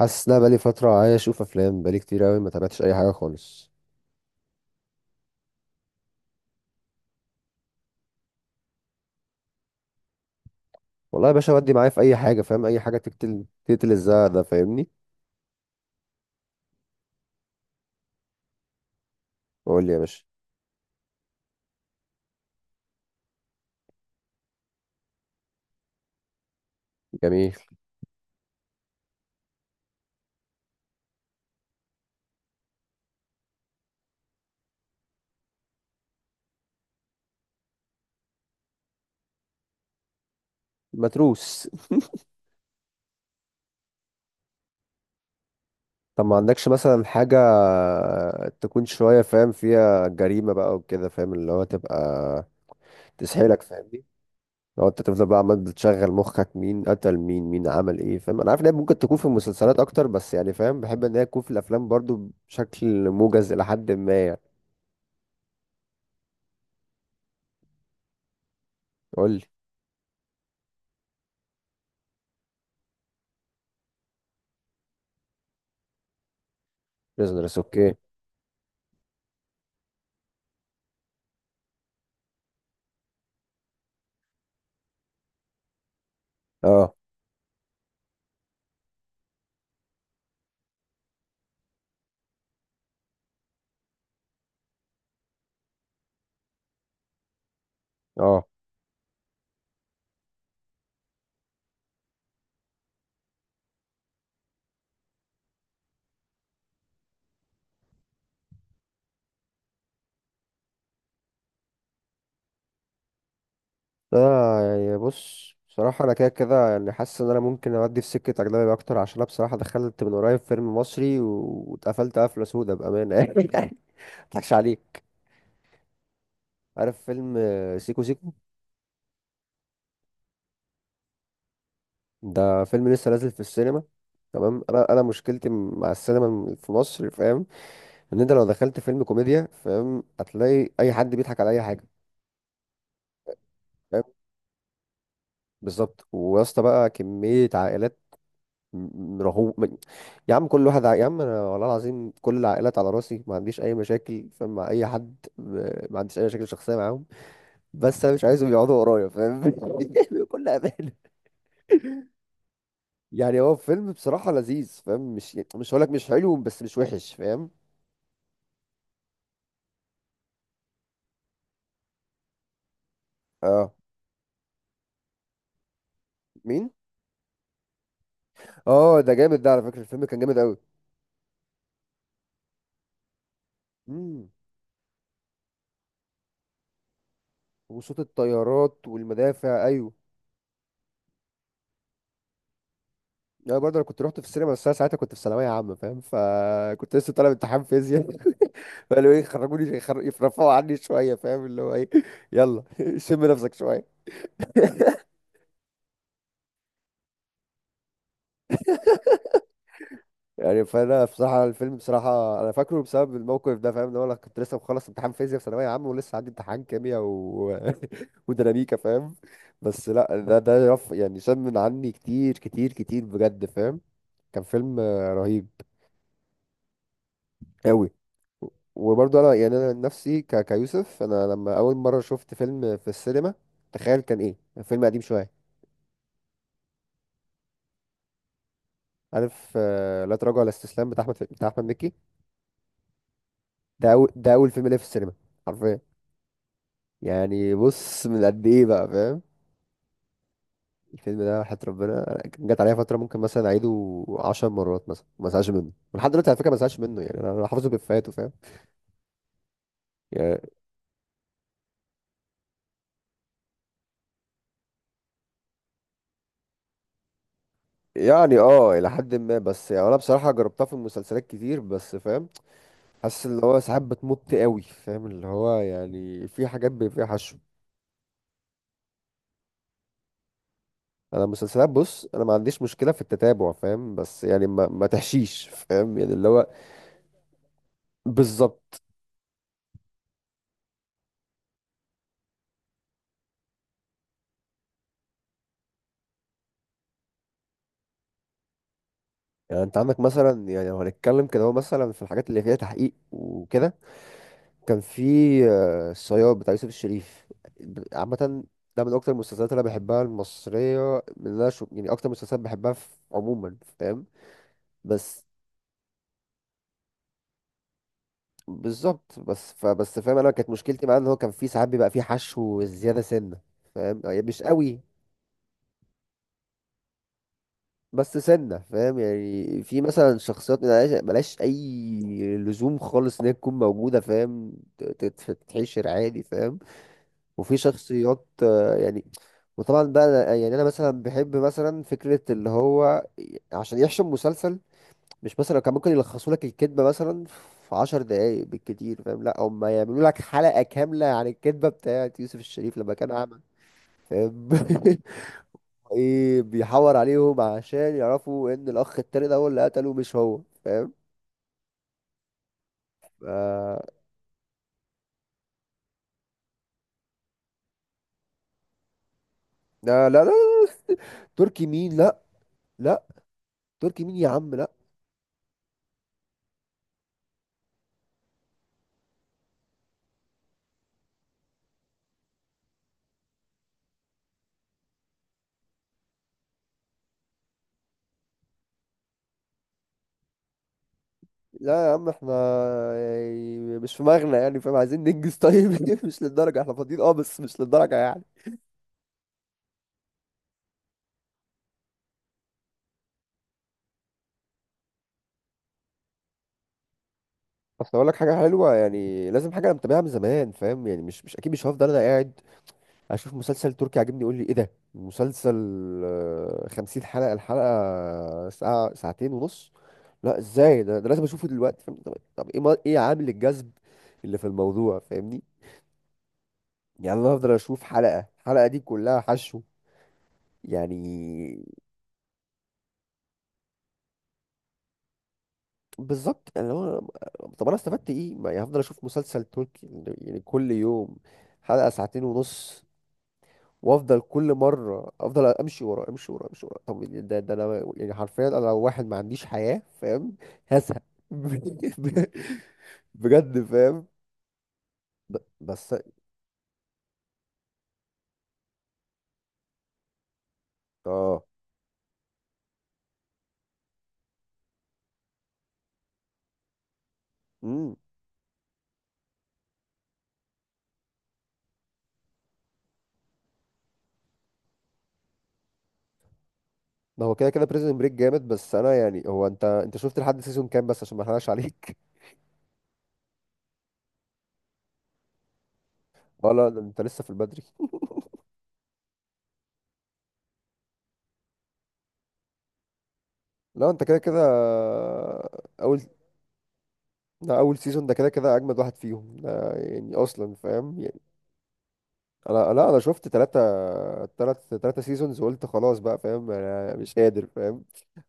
حاسس ان انا بقالي فتره عايز اشوف افلام بقالي كتير قوي ما تابعتش اي حاجه خالص. والله يا باشا ودي معايا في اي حاجه فاهم، اي حاجه تقتل تقتل الزهق ده فاهمني. قول لي يا باشا. جميل. متروس. طب ما عندكش مثلا حاجه تكون شويه فاهم فيها جريمه بقى وكده، فاهم اللي هو تبقى تسحلك فاهمني؟ لو انت تفضل بقى عمال بتشغل مخك مين قتل مين، مين عمل ايه، فاهم؟ انا عارف ان هي ممكن تكون في المسلسلات اكتر، بس يعني فاهم بحب ان هي تكون في الافلام برضو بشكل موجز الى حد ما يعني. قول لي. بريزنرز، اوكي. اه. اه، انا يعني بص بصراحة انا كده كده يعني حاسس ان انا ممكن اودي في سكة اجنبي اكتر، عشان انا بصراحة دخلت من قريب فيلم مصري واتقفلت قفلة سودة بأمانة يعني. مضحكش عليك. عارف فيلم سيكو سيكو؟ ده فيلم لسه نازل في السينما. تمام، انا مشكلتي مع السينما في مصر فاهم؟ ان انت لو دخلت فيلم كوميديا فاهم هتلاقي اي حد بيضحك على اي حاجة فاهم. بالظبط، ويا اسطى بقى كمية عائلات رغوه. يا عم كل واحد يا عم انا والله العظيم كل العائلات على راسي، ما عنديش اي مشاكل فاهم مع اي حد، ما عنديش اي مشاكل شخصيه معاهم. بس انا مش عايزهم يقعدوا ورايا فاهم بكل امانه. يعني هو فيلم بصراحه لذيذ فاهم، مش مش هقولك مش حلو بس مش وحش فاهم. اه. مين؟ اه ده جامد، ده على فكره الفيلم كان جامد قوي. امم، وصوت الطيارات والمدافع ايوه. انا برضه انا كنت رحت في السينما، بس انا ساعتها كنت في ثانويه عامه فاهم، فكنت لسه طالب امتحان فيزياء. فقالوا ايه خرجوني يرفعوا عني شويه فاهم اللي هو ايه. يلا شم نفسك شويه. يعني فانا بصراحه الفيلم بصراحه انا فاكره بسبب الموقف ده فاهم، ان هو انا كنت لسه مخلص امتحان فيزياء في ثانويه عامه ولسه عندي امتحان كيمياء وديناميكا فاهم. بس لا، ده ده رف يعني شم من عني كتير كتير كتير بجد فاهم. كان فيلم رهيب قوي. وبرضه انا يعني انا عن نفسي كيوسف، انا لما اول مره شفت فيلم في السينما تخيل كان ايه. فيلم قديم شويه. عارف لا تراجع ولا استسلام بتاع احمد بتاع احمد مكي؟ ده اول فيلم ليه في السينما حرفيا. يعني بص من قد ايه بقى فاهم. الفيلم ده وحياة ربنا جت عليا فتره ممكن مثلا اعيده 10 مرات مثلا ما ازهقش منه، ولحد دلوقتي على فكره ما ازهقش منه، يعني أنا حافظه بافيهاته فاهم. يعني. يعني اه الى حد ما، بس يعني انا بصراحه جربتها في مسلسلات كتير بس فاهم، حاسس اللي هو ساعات بتمط قوي فاهم، اللي هو يعني في حاجات بيبقى فيها حشو. انا المسلسلات بص انا ما عنديش مشكله في التتابع فاهم، بس يعني ما تحشيش فاهم يعني اللي هو. بالظبط. يعني انت عندك مثلا يعني لو هنتكلم كده، هو مثلا في الحاجات اللي فيها تحقيق وكده كان في الصياد بتاع يوسف الشريف عامه، ده من اكتر المسلسلات اللي انا بحبها المصريه، من اللي انا يعني اكتر مسلسلات بحبها في عموما فاهم. بس. بالظبط، فبس فاهم، انا كانت مشكلتي معاه ان هو كان في ساعات بيبقى فيه حشو زياده سنه فاهم يعني مش قوي. بس سنه فاهم يعني في مثلا شخصيات ملهاش اي لزوم خالص ان هي تكون موجوده فاهم. ت- ت- تتحشر عادي فاهم. وفي شخصيات يعني. وطبعا بقى يعني انا مثلا بحب مثلا فكره اللي هو عشان يحشم مسلسل. مش مثلا كان ممكن يلخصوا لك الكدبة مثلا في عشر دقايق بالكتير فاهم، لا هم يعملوا لك حلقة كاملة عن الكدبة بتاعت يوسف الشريف لما كان أعمى فاهم. ايه بيحور عليهم عشان يعرفوا ان الأخ التاني ده هو اللي قتله مش هو فاهم. آه. لا لا لا لا. تركي مين؟ لا. لا تركي مين يا عم لا. لا يا عم احنا يعني مش في مغنى يعني فاهم، عايزين ننجز طيب مش للدرجة، احنا فاضيين اه بس مش للدرجة يعني. اصل اقول لك حاجه حلوه يعني لازم حاجه انا متابعها من زمان فاهم، يعني مش مش اكيد مش هفضل انا قاعد اشوف مسلسل تركي عاجبني يقول لي ايه ده مسلسل 50 حلقه الحلقه ساعه ساعتين ونص. لا ازاي، ده لازم اشوفه دلوقتي فاهم، طب ايه ايه عامل الجذب اللي في الموضوع فاهمني. يعني انا هفضل اشوف حلقه الحلقه دي كلها حشو يعني. بالظبط اللي هو. طب انا استفدت ايه؟ ما يعني هفضل اشوف مسلسل تركي يعني كل يوم حلقه ساعتين ونص، وافضل كل مره افضل امشي ورا امشي ورا امشي ورا. طب يعني ده ده انا يعني حرفيا انا لو واحد ما عنديش حياه فاهم. هزهق بجد فاهم. بس. اه. امم، ما هو كده كده بريزن بريك جامد، بس انا يعني هو انت شفت لحد سيزون كام بس عشان ما احرقش عليك. اه لا ده انت لسه في البدري. لا انت كده كده اول. ده اول سيزون ده كده كده اجمد واحد فيهم، ده يعني اصلا فاهم. انا لا، انا شفت تلاتة تلاتة سيزونز وقلت خلاص بقى فاهم، يعني انا مش قادر فاهم.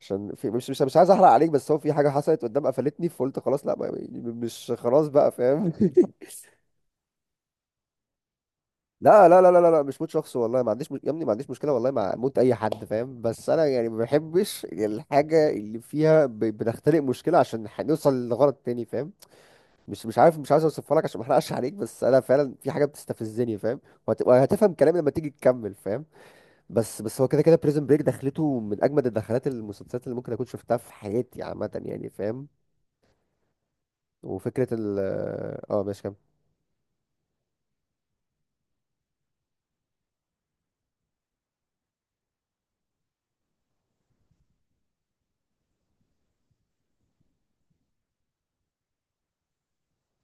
عشان في مش مش مش عايز احرق عليك، بس هو في حاجة حصلت قدام قفلتني فقلت خلاص لا مش خلاص بقى فاهم. لا، مش موت شخص والله ما عنديش مش... يا ابني ما عنديش مشكلة والله مع موت أي حد فاهم، بس أنا يعني ما بحبش الحاجة اللي فيها بنختلق مشكلة عشان هنوصل لغرض تاني فاهم. مش مش عارف مش عايز أوصفها لك عشان ما أحرقش عليك، بس أنا فعلا في حاجة بتستفزني فاهم. وهتفهم كلامي لما تيجي تكمل فاهم. بس، بس هو كده كده بريزن بريك دخلته من اجمد الدخلات المسلسلات اللي ممكن اكون شفتها في حياتي عامه يعني فاهم. وفكره ال اه آه، ماشي كمل.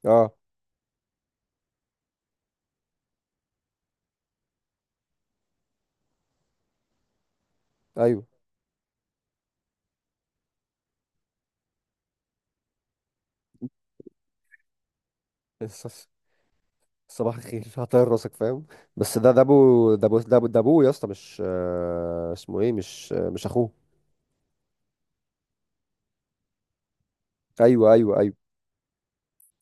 اه. ايوه. الص- الص- صباح الخير هطير راسك فاهم. بس ده ده ابو ده ابو ده ابو ده ابوه يا اسطى، مش اسمه ايه، مش مش اخوه. ايوه ايوه ايوه،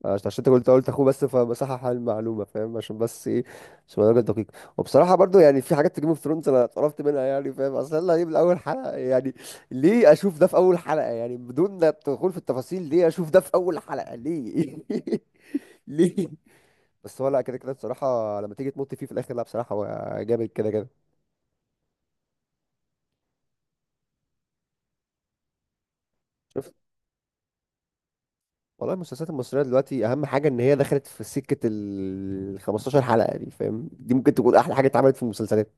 عشان عشان انت قلت قلت اخوه بس فبصحح المعلومه فاهم عشان بس ايه. عشان الراجل دقيق. وبصراحه برضو يعني في حاجات في جيم اوف ثرونز انا اتقرفت منها يعني فاهم، اصل يلا ايه من اول حلقه يعني. ليه اشوف ده في اول حلقه يعني بدون الدخول في التفاصيل، ليه اشوف ده في اول حلقه ليه. ليه. بس هو لا كده كده بصراحه لما تيجي تمط فيه في الاخر، لا بصراحه هو جامد كده كده. شفت. والله المسلسلات المصريه دلوقتي اهم حاجه ان هي دخلت في سكه ال 15 حلقه دي فاهم، دي ممكن تكون احلى حاجه اتعملت في المسلسلات.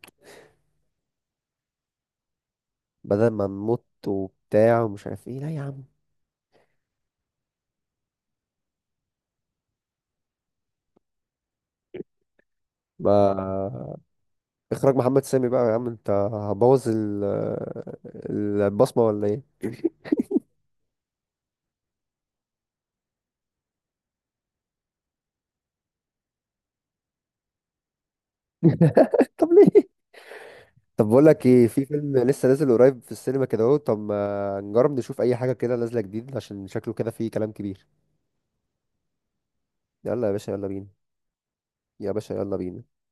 بدل ما نموت وبتاع ومش عارف ايه لا يا عم. ما اخراج محمد سامي بقى يا عم، انت هبوظ البصمة ولا ايه؟ طب ليه. طب بقول لك ايه، في فيلم لسه نازل قريب في السينما كده اهو، طب ما نجرب نشوف اي حاجة كده نازلة جديد عشان شكله كده فيه كلام كبير. يلا يا باشا يلا بينا. يا باشا يلا بينا.